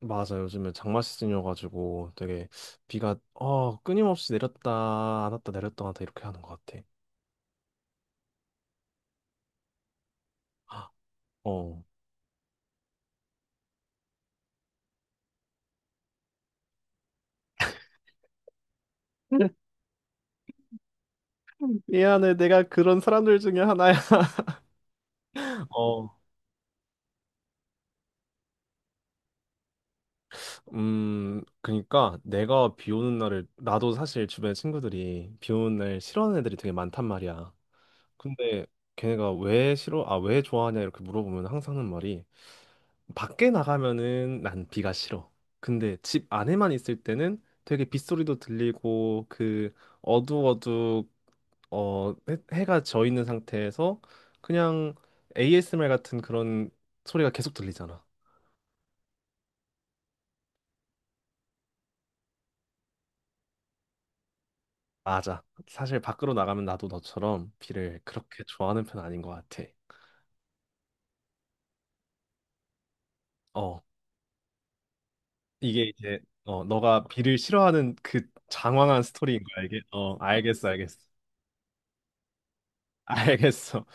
맞아. 요즘에 장마 시즌이어가지고 되게 비가 끊임없이 내렸다 안 왔다 내렸다 안 왔다 이렇게 하는 것 같아. 아, 어. 미안해, 내가 그런 사람들 중에 하나야. 어. 그니까 내가 비 오는 날을 나도 사실 주변에 친구들이 비 오는 날 싫어하는 애들이 되게 많단 말이야. 근데 걔네가 왜 싫어? 아, 왜 좋아하냐 이렇게 물어보면 항상 하는 말이 밖에 나가면은 난 비가 싫어. 근데 집 안에만 있을 때는 되게 빗소리도 들리고 그 어두워두 해가 져 있는 상태에서 그냥 ASMR 같은 그런 소리가 계속 들리잖아. 맞아. 사실 밖으로 나가면 나도 너처럼 비를 그렇게 좋아하는 편 아닌 것 같아. 어. 이게 이제 너가 비를 싫어하는 그 장황한 스토리인 거야 이게 어, 알겠어, 알겠어. 알겠어.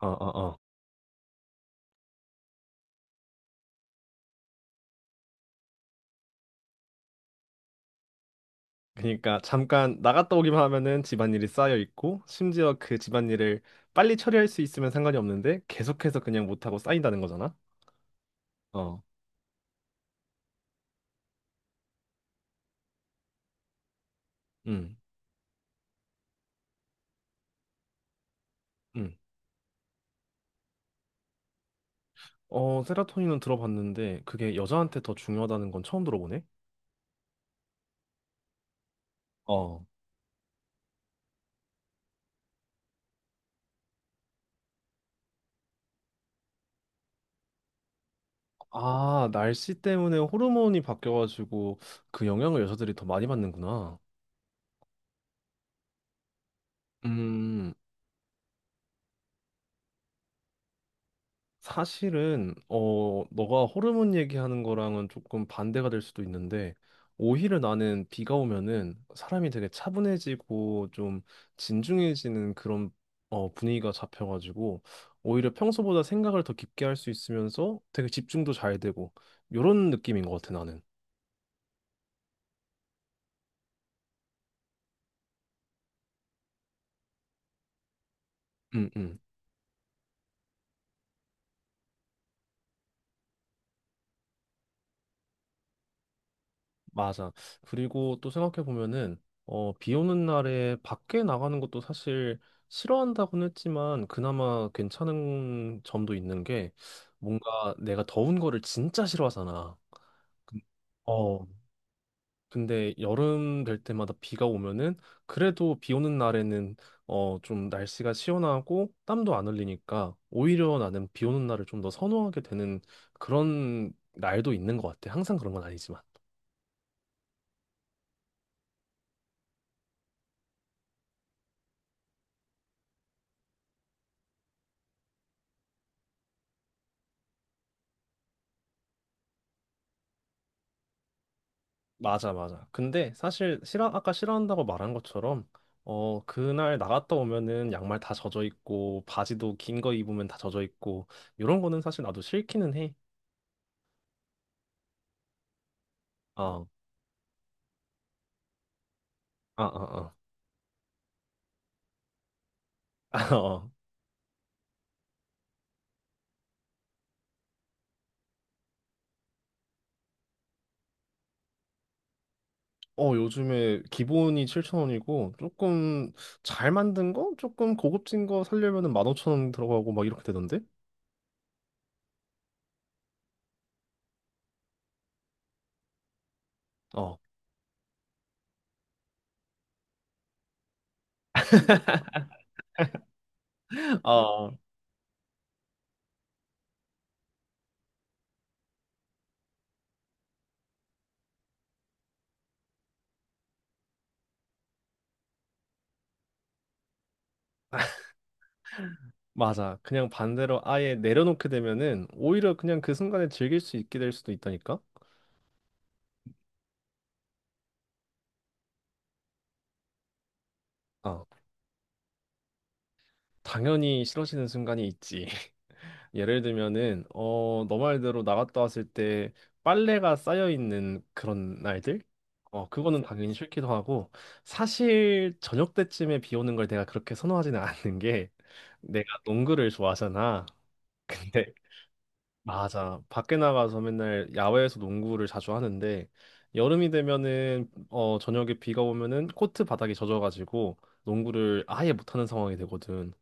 그어어어어어어. 그러니까 잠깐 나갔다 오기만 하면은 집안일이 쌓여 있고 심지어 그 집안일을 빨리 처리할 수 있으면 상관이 없는데 계속해서 그냥 못하고 쌓인다는 거잖아. 어음음어 세라토닌은 들어봤는데 그게 여자한테 더 중요하다는 건 처음 들어보네. 어, 아, 날씨 때문에 호르몬이 바뀌어가지고 그 영향을 여자들이 더 많이 받는구나. 음, 사실은 너가 호르몬 얘기하는 거랑은 조금 반대가 될 수도 있는데 오히려 나는 비가 오면은 사람이 되게 차분해지고 좀 진중해지는 그런 분위기가 잡혀가지고 오히려 평소보다 생각을 더 깊게 할 수 있으면서 되게 집중도 잘 되고 요런 느낌인 것 같아 나는. 음, 음. 맞아. 그리고 또 생각해 보면은 비 오는 날에 밖에 나가는 것도 사실 싫어한다고는 했지만 그나마 괜찮은 점도 있는 게 뭔가 내가 더운 거를 진짜 싫어하잖아. 근- 어, 근데 여름 될 때마다 비가 오면은 그래도 비 오는 날에는 좀 날씨가 시원하고 땀도 안 흘리니까 오히려 나는 비 오는 날을 좀 더 선호하게 되는 그런 날도 있는 것 같아. 항상 그런 건 아니지만. 맞아, 맞아. 아까 싫어한다고 말한 것처럼, 어, 그날 나갔다 오면은 양말 다 젖어 있고, 바지도 긴 거 입으면 다 젖어 있고, 이런 거는 사실 나도 싫기는 해. 어, 아, 아, 아. 어, 어, 요즘에 기본이 7000원이고, 조금 잘 만든 거? 조금 고급진 거 사려면은 15000원 들어가고 막 이렇게 되던데? 어, 어. 맞아. 그냥 반대로 아예 내려놓게 되면은 오히려 그냥 그 순간에 즐길 수 있게 될 수도 있다니까? 어. 당연히 싫어지는 순간이 있지. 예를 들면은 어, 너 말대로 나갔다 왔을 때 빨래가 쌓여 있는 그런 날들? 어, 그거는 당연히 싫기도 하고 사실 저녁 때쯤에 비 오는 걸 내가 그렇게 선호하지는 않는 게 내가 농구를 좋아하잖아. 근데 맞아. 밖에 나가서 맨날 야외에서 농구를 자주 하는데 여름이 되면은 저녁에 비가 오면은 코트 바닥이 젖어가지고 농구를 아예 못하는 상황이 되거든.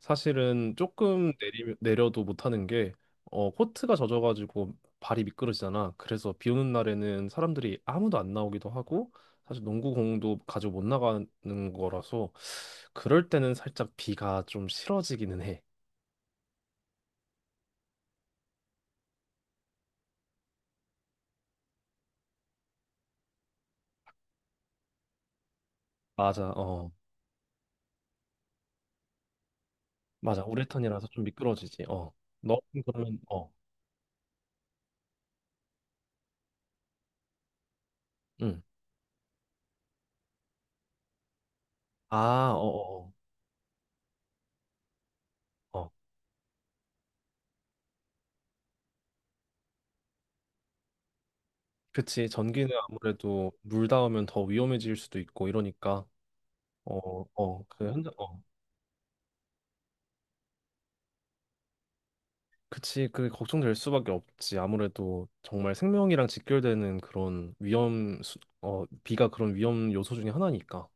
사실은 조금 내려도 못하는 게 코트가 젖어가지고 발이 미끄러지잖아. 그래서 비 오는 날에는 사람들이 아무도 안 나오기도 하고 사실 농구공도 가지고 못 나가는 거라서 그럴 때는 살짝 비가 좀 싫어지기는 해. 맞아, 어, 맞아. 우레탄이라서 좀 미끄러지지. 어, 너 그러면 어, 응. 아, 어, 어, 어. 어. 그치. 전기는 아무래도 물 닿으면 더 위험해질 수도 있고 이러니까 어, 어, 그 현장, 어. 그치, 그게 걱정될 수밖에 없지. 아무래도 정말 생명이랑 직결되는 그런 어, 비가 그런 위험 요소 중에 하나니까.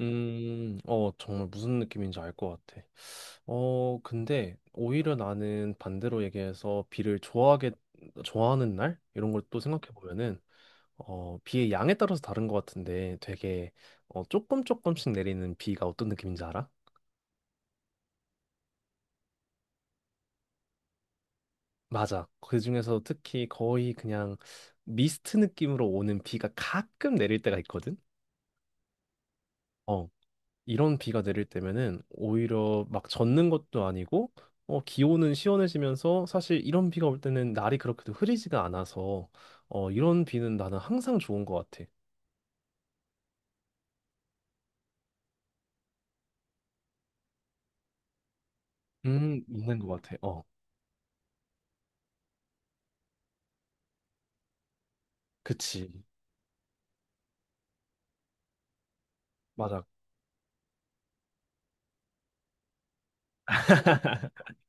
어, 정말 무슨 느낌인지 알 것 같아. 근데 오히려 나는 반대로 얘기해서 좋아하는 날? 이런 걸 또 생각해 보면은, 비의 양에 따라서 다른 것 같은데 되게, 조금 조금씩 내리는 비가 어떤 느낌인지 알아? 맞아. 그중에서 특히 거의 그냥 미스트 느낌으로 오는 비가 가끔 내릴 때가 있거든? 어. 이런 비가 내릴 때면은 오히려 막 젖는 것도 아니고, 어, 기온은 시원해지면서 사실 이런 비가 올 때는 날이 그렇게도 흐리지가 않아서, 어, 이런 비는 나는 항상 좋은 것 같아. 있는 것 같아. 어, 그치. 맞아.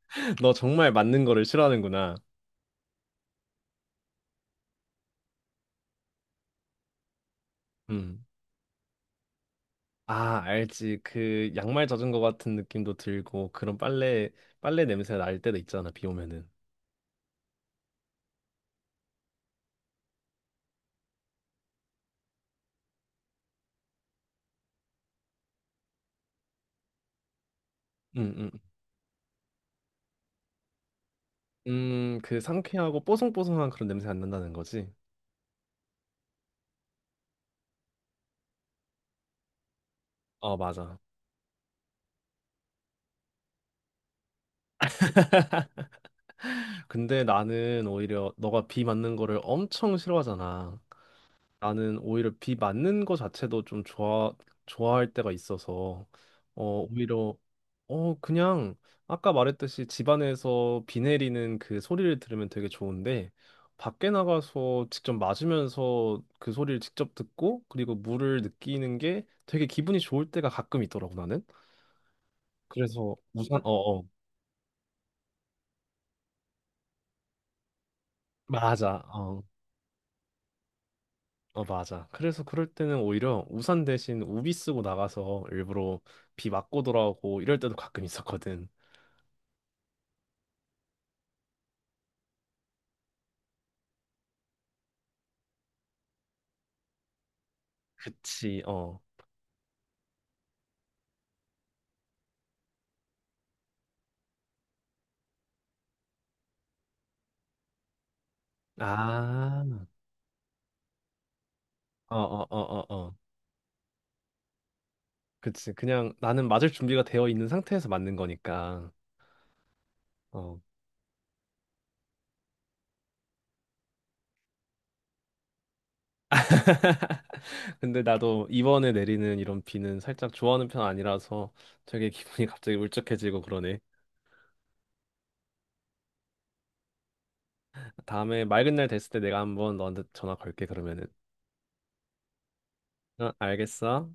너 정말 맞는 거를 싫어하는구나. 음. 아, 알지. 그 양말 젖은 것 같은 느낌도 들고 그런 빨래 냄새 날 때도 있잖아. 비 오면은. 음, 음. 그 상쾌하고 뽀송뽀송한 그런 냄새 안 난다는 거지. 어, 맞아. 근데 나는 오히려 너가 비 맞는 거를 엄청 싫어하잖아. 나는 오히려 비 맞는 거 자체도 좋아할 때가 있어서 어 오히려 그냥 아까 말했듯이 집 안에서 비 내리는 그 소리를 들으면 되게 좋은데 밖에 나가서 직접 맞으면서 그 소리를 직접 듣고 그리고 물을 느끼는 게 되게 기분이 좋을 때가 가끔 있더라고 나는. 그래서 우산 어어 맞아. 어. 어, 맞아. 그래서 그럴 때는 오히려 우산 대신 우비 쓰고 나가서 일부러 비 맞고 돌아오고 이럴 때도 가끔 있었거든. 그치, 어. 아, 어, 어, 어, 어, 어. 그치. 그냥 나는 맞을 준비가 되어 있는 상태에서 맞는 거니까. 어. 근데 나도 이번에 내리는 이런 비는 살짝 좋아하는 편 아니라서 되게 기분이 갑자기 울적해지고 그러네. 다음에 맑은 날 됐을 때 내가 한번 너한테 전화 걸게, 그러면은. 어, 알겠어.